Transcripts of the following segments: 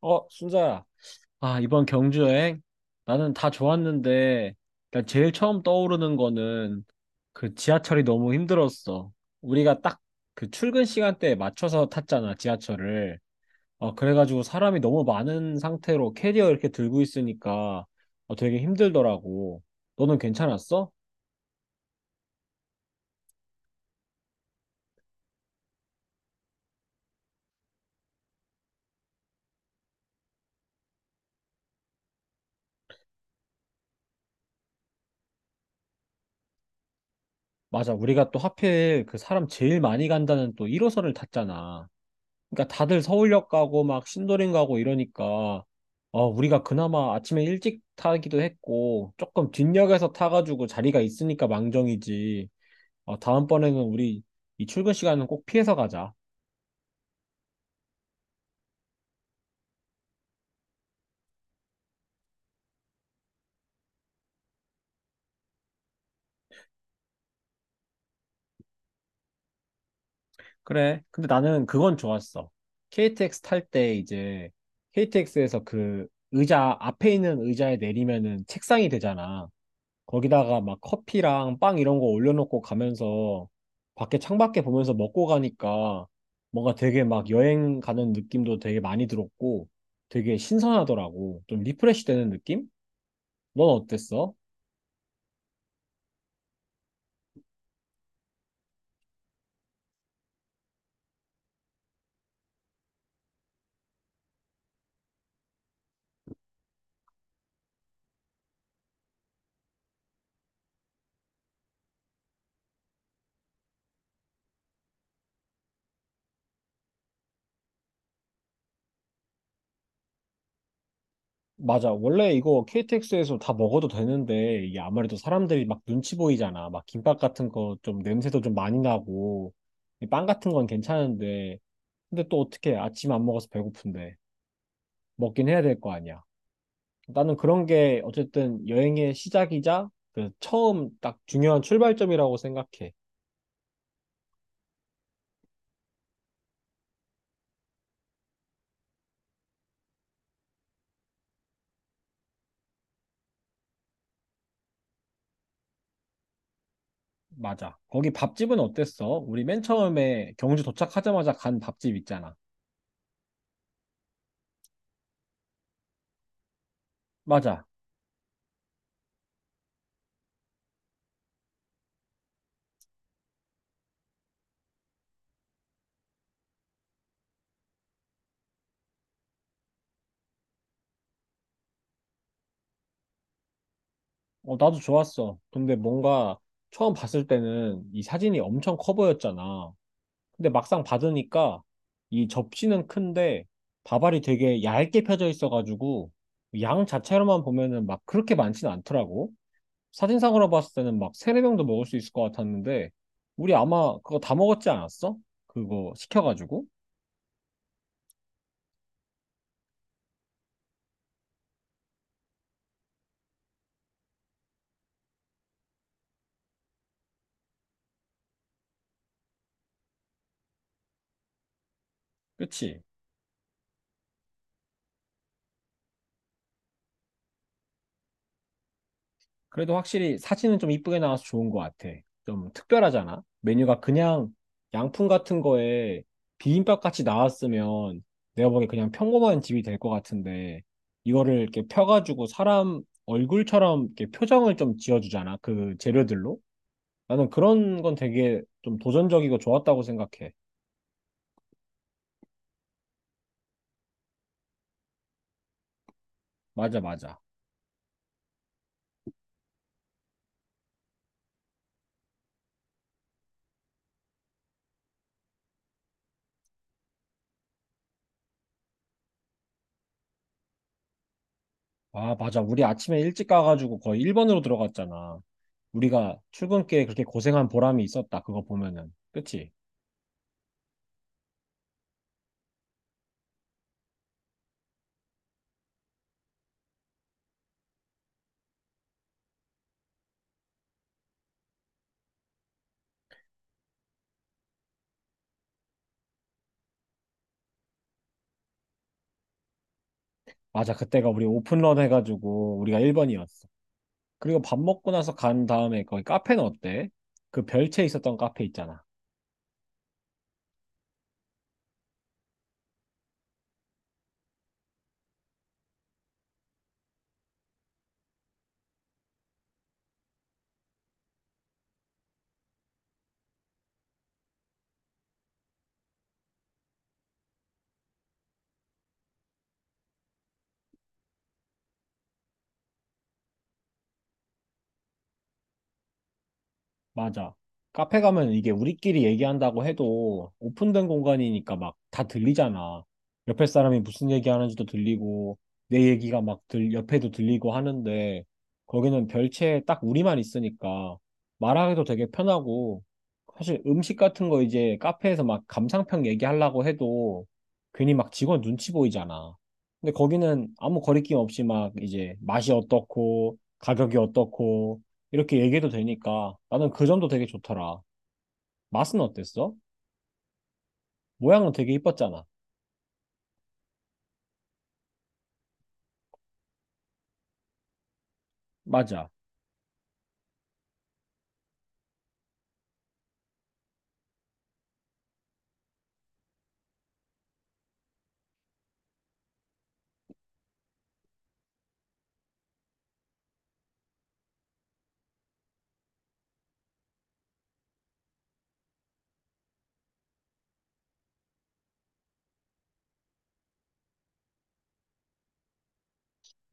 어, 순자야. 아, 이번 경주 여행 나는 다 좋았는데, 그러니까 제일 처음 떠오르는 거는 그 지하철이 너무 힘들었어. 우리가 딱 그 출근 시간대에 맞춰서 탔잖아, 지하철을. 그래가지고 사람이 너무 많은 상태로 캐리어 이렇게 들고 있으니까 되게 힘들더라고. 너는 괜찮았어? 맞아, 우리가 또 하필 그 사람 제일 많이 간다는 또 1호선을 탔잖아. 그러니까 다들 서울역 가고 막 신도림 가고 이러니까 우리가 그나마 아침에 일찍 타기도 했고 조금 뒷역에서 타가지고 자리가 있으니까 망정이지. 다음번에는 우리 이 출근 시간은 꼭 피해서 가자. 그래. 근데 나는 그건 좋았어. KTX 탈 때 이제 KTX에서 그 의자 앞에 있는 의자에 내리면은 책상이 되잖아. 거기다가 막 커피랑 빵 이런 거 올려놓고 가면서 밖에 창밖에 보면서 먹고 가니까 뭔가 되게 막 여행 가는 느낌도 되게 많이 들었고 되게 신선하더라고. 좀 리프레시 되는 느낌? 넌 어땠어? 맞아. 원래 이거 KTX에서 다 먹어도 되는데 이게 아무래도 사람들이 막 눈치 보이잖아. 막 김밥 같은 거 좀 냄새도 좀 많이 나고 이빵 같은 건 괜찮은데 근데 또 어떻게 아침 안 먹어서 배고픈데 먹긴 해야 될 거 아니야. 나는 그런 게 어쨌든 여행의 시작이자 그 처음 딱 중요한 출발점이라고 생각해. 맞아. 거기 밥집은 어땠어? 우리 맨 처음에 경주 도착하자마자 간 밥집 있잖아. 맞아. 어, 나도 좋았어. 근데 뭔가 처음 봤을 때는 이 사진이 엄청 커 보였잖아. 근데 막상 받으니까 이 접시는 큰데 밥알이 되게 얇게 펴져 있어가지고 양 자체로만 보면은 막 그렇게 많진 않더라고. 사진상으로 봤을 때는 막 세네 병도 먹을 수 있을 것 같았는데 우리 아마 그거 다 먹었지 않았어? 그거 시켜가지고, 그치? 그래도 확실히 사진은 좀 이쁘게 나와서 좋은 것 같아. 좀 특별하잖아. 메뉴가 그냥 양품 같은 거에 비빔밥 같이 나왔으면 내가 보기엔 그냥 평범한 집이 될 것 같은데 이거를 이렇게 펴가지고 사람 얼굴처럼 이렇게 표정을 좀 지어주잖아. 그 재료들로. 나는 그런 건 되게 좀 도전적이고 좋았다고 생각해. 맞아, 맞아. 아, 맞아. 우리 아침에 일찍 가가지고 거의 1번으로 들어갔잖아. 우리가 출근길에 그렇게 고생한 보람이 있었다. 그거 보면은. 그치? 맞아. 그때가 우리 오픈런 해가지고 우리가 1번이었어. 그리고 밥 먹고 나서 간 다음에 거기 카페는 어때? 그 별채 있었던 카페 있잖아. 맞아. 카페 가면 이게 우리끼리 얘기한다고 해도 오픈된 공간이니까 막 다 들리잖아. 옆에 사람이 무슨 얘기하는지도 들리고 내 얘기가 막 옆에도 들리고 하는데 거기는 별채에 딱 우리만 있으니까 말하기도 되게 편하고 사실 음식 같은 거 이제 카페에서 막 감상평 얘기하려고 해도 괜히 막 직원 눈치 보이잖아. 근데 거기는 아무 거리낌 없이 막 이제 맛이 어떻고 가격이 어떻고 이렇게 얘기해도 되니까 나는 그 점도 되게 좋더라. 맛은 어땠어? 모양은 되게 이뻤잖아. 맞아.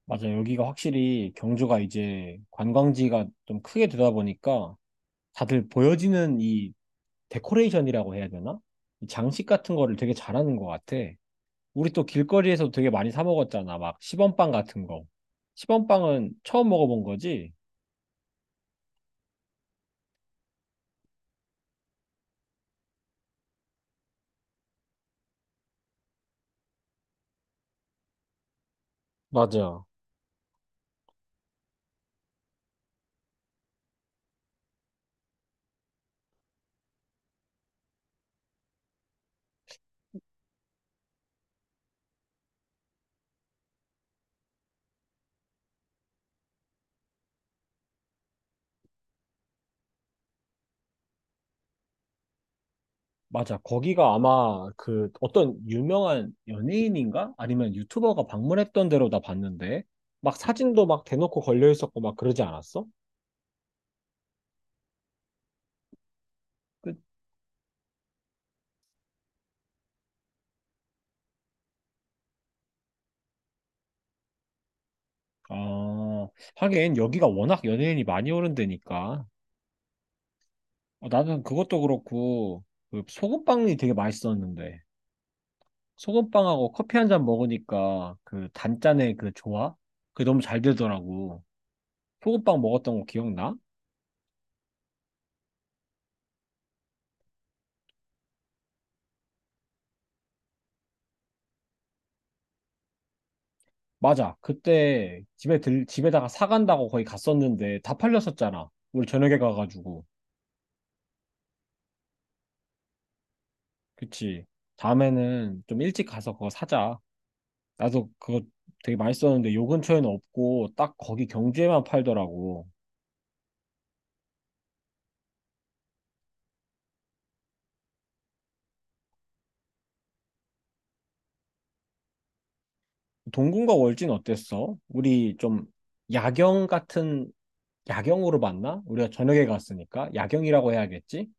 맞아. 여기가 확실히 경주가 이제 관광지가 좀 크게 되다 보니까 다들 보여지는 이 데코레이션이라고 해야 되나? 이 장식 같은 거를 되게 잘하는 것 같아. 우리 또 길거리에서 되게 많이 사 먹었잖아. 막 시범빵 같은 거. 시범빵은 처음 먹어본 거지? 맞아. 맞아. 거기가 아마 그 어떤 유명한 연예인인가? 아니면 유튜버가 방문했던 데로 나 봤는데, 막 사진도 막 대놓고 걸려 있었고 막 그러지 않았어? 그, 아, 하긴 여기가 워낙 연예인이 많이 오는 데니까. 나는 그것도 그렇고, 그 소금빵이 되게 맛있었는데, 소금빵하고 커피 한 잔 먹으니까 그 단짠의 그 조화? 그게 너무 잘 되더라고. 소금빵 먹었던 거 기억나? 맞아. 그때 집에 집에다가 사간다고 거의 갔었는데 다 팔렸었잖아. 우리 저녁에 가가지고. 그치. 다음에는 좀 일찍 가서 그거 사자. 나도 그거 되게 맛있었는데 요 근처에는 없고 딱 거기 경주에만 팔더라고. 동궁과 월진 어땠어? 우리 좀 야경 같은, 야경으로 봤나? 우리가 저녁에 갔으니까. 야경이라고 해야겠지?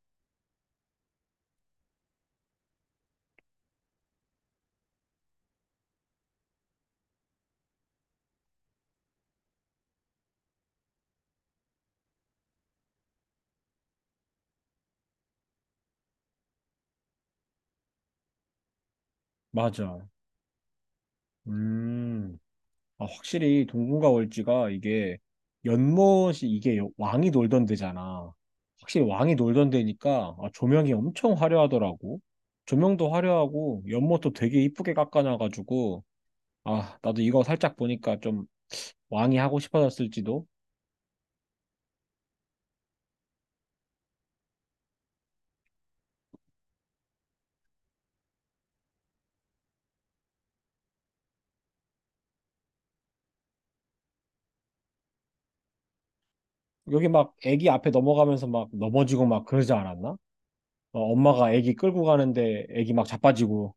맞아. 음. 아, 확실히 동궁과 월지가 이게 연못이 이게 왕이 놀던 데잖아. 확실히 왕이 놀던 데니까 아, 조명이 엄청 화려하더라고. 조명도 화려하고 연못도 되게 이쁘게 깎아놔가지고 아 나도 이거 살짝 보니까 좀 왕이 하고 싶어졌을지도. 여기 막 애기 앞에 넘어가면서 막 넘어지고 막 그러지 않았나? 엄마가 애기 끌고 가는데 애기 막 자빠지고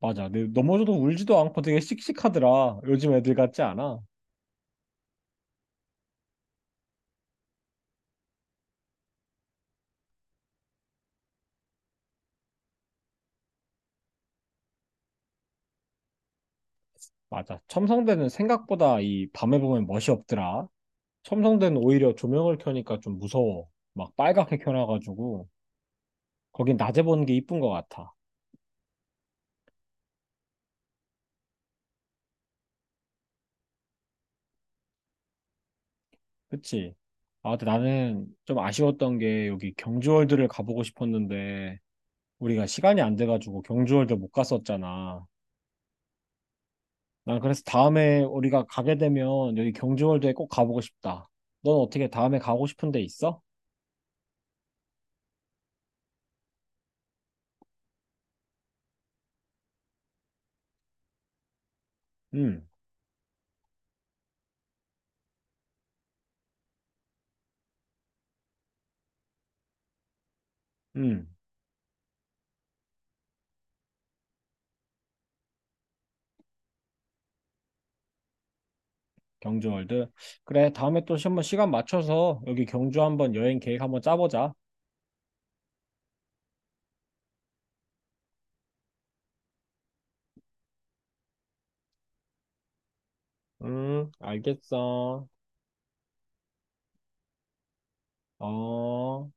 맞아. 근데 넘어져도 울지도 않고 되게 씩씩하더라. 요즘 애들 같지 않아? 맞아. 첨성대는 생각보다 이 밤에 보면 멋이 없더라. 첨성대는 오히려 조명을 켜니까 좀 무서워. 막 빨갛게 켜놔가지고 거긴 낮에 보는 게 이쁜 것 같아. 그치? 아, 근데 나는 좀 아쉬웠던 게 여기 경주월드를 가보고 싶었는데 우리가 시간이 안 돼가지고 경주월드 못 갔었잖아. 난 그래서 다음에 우리가 가게 되면 여기 경주월드에 꼭 가보고 싶다. 넌 어떻게 다음에 가고 싶은 데 있어? 응, 응. 경주월드. 그래, 다음에 또 한번 시간 맞춰서 여기 경주 한번 여행 계획 한번 짜보자. 알겠어. 어.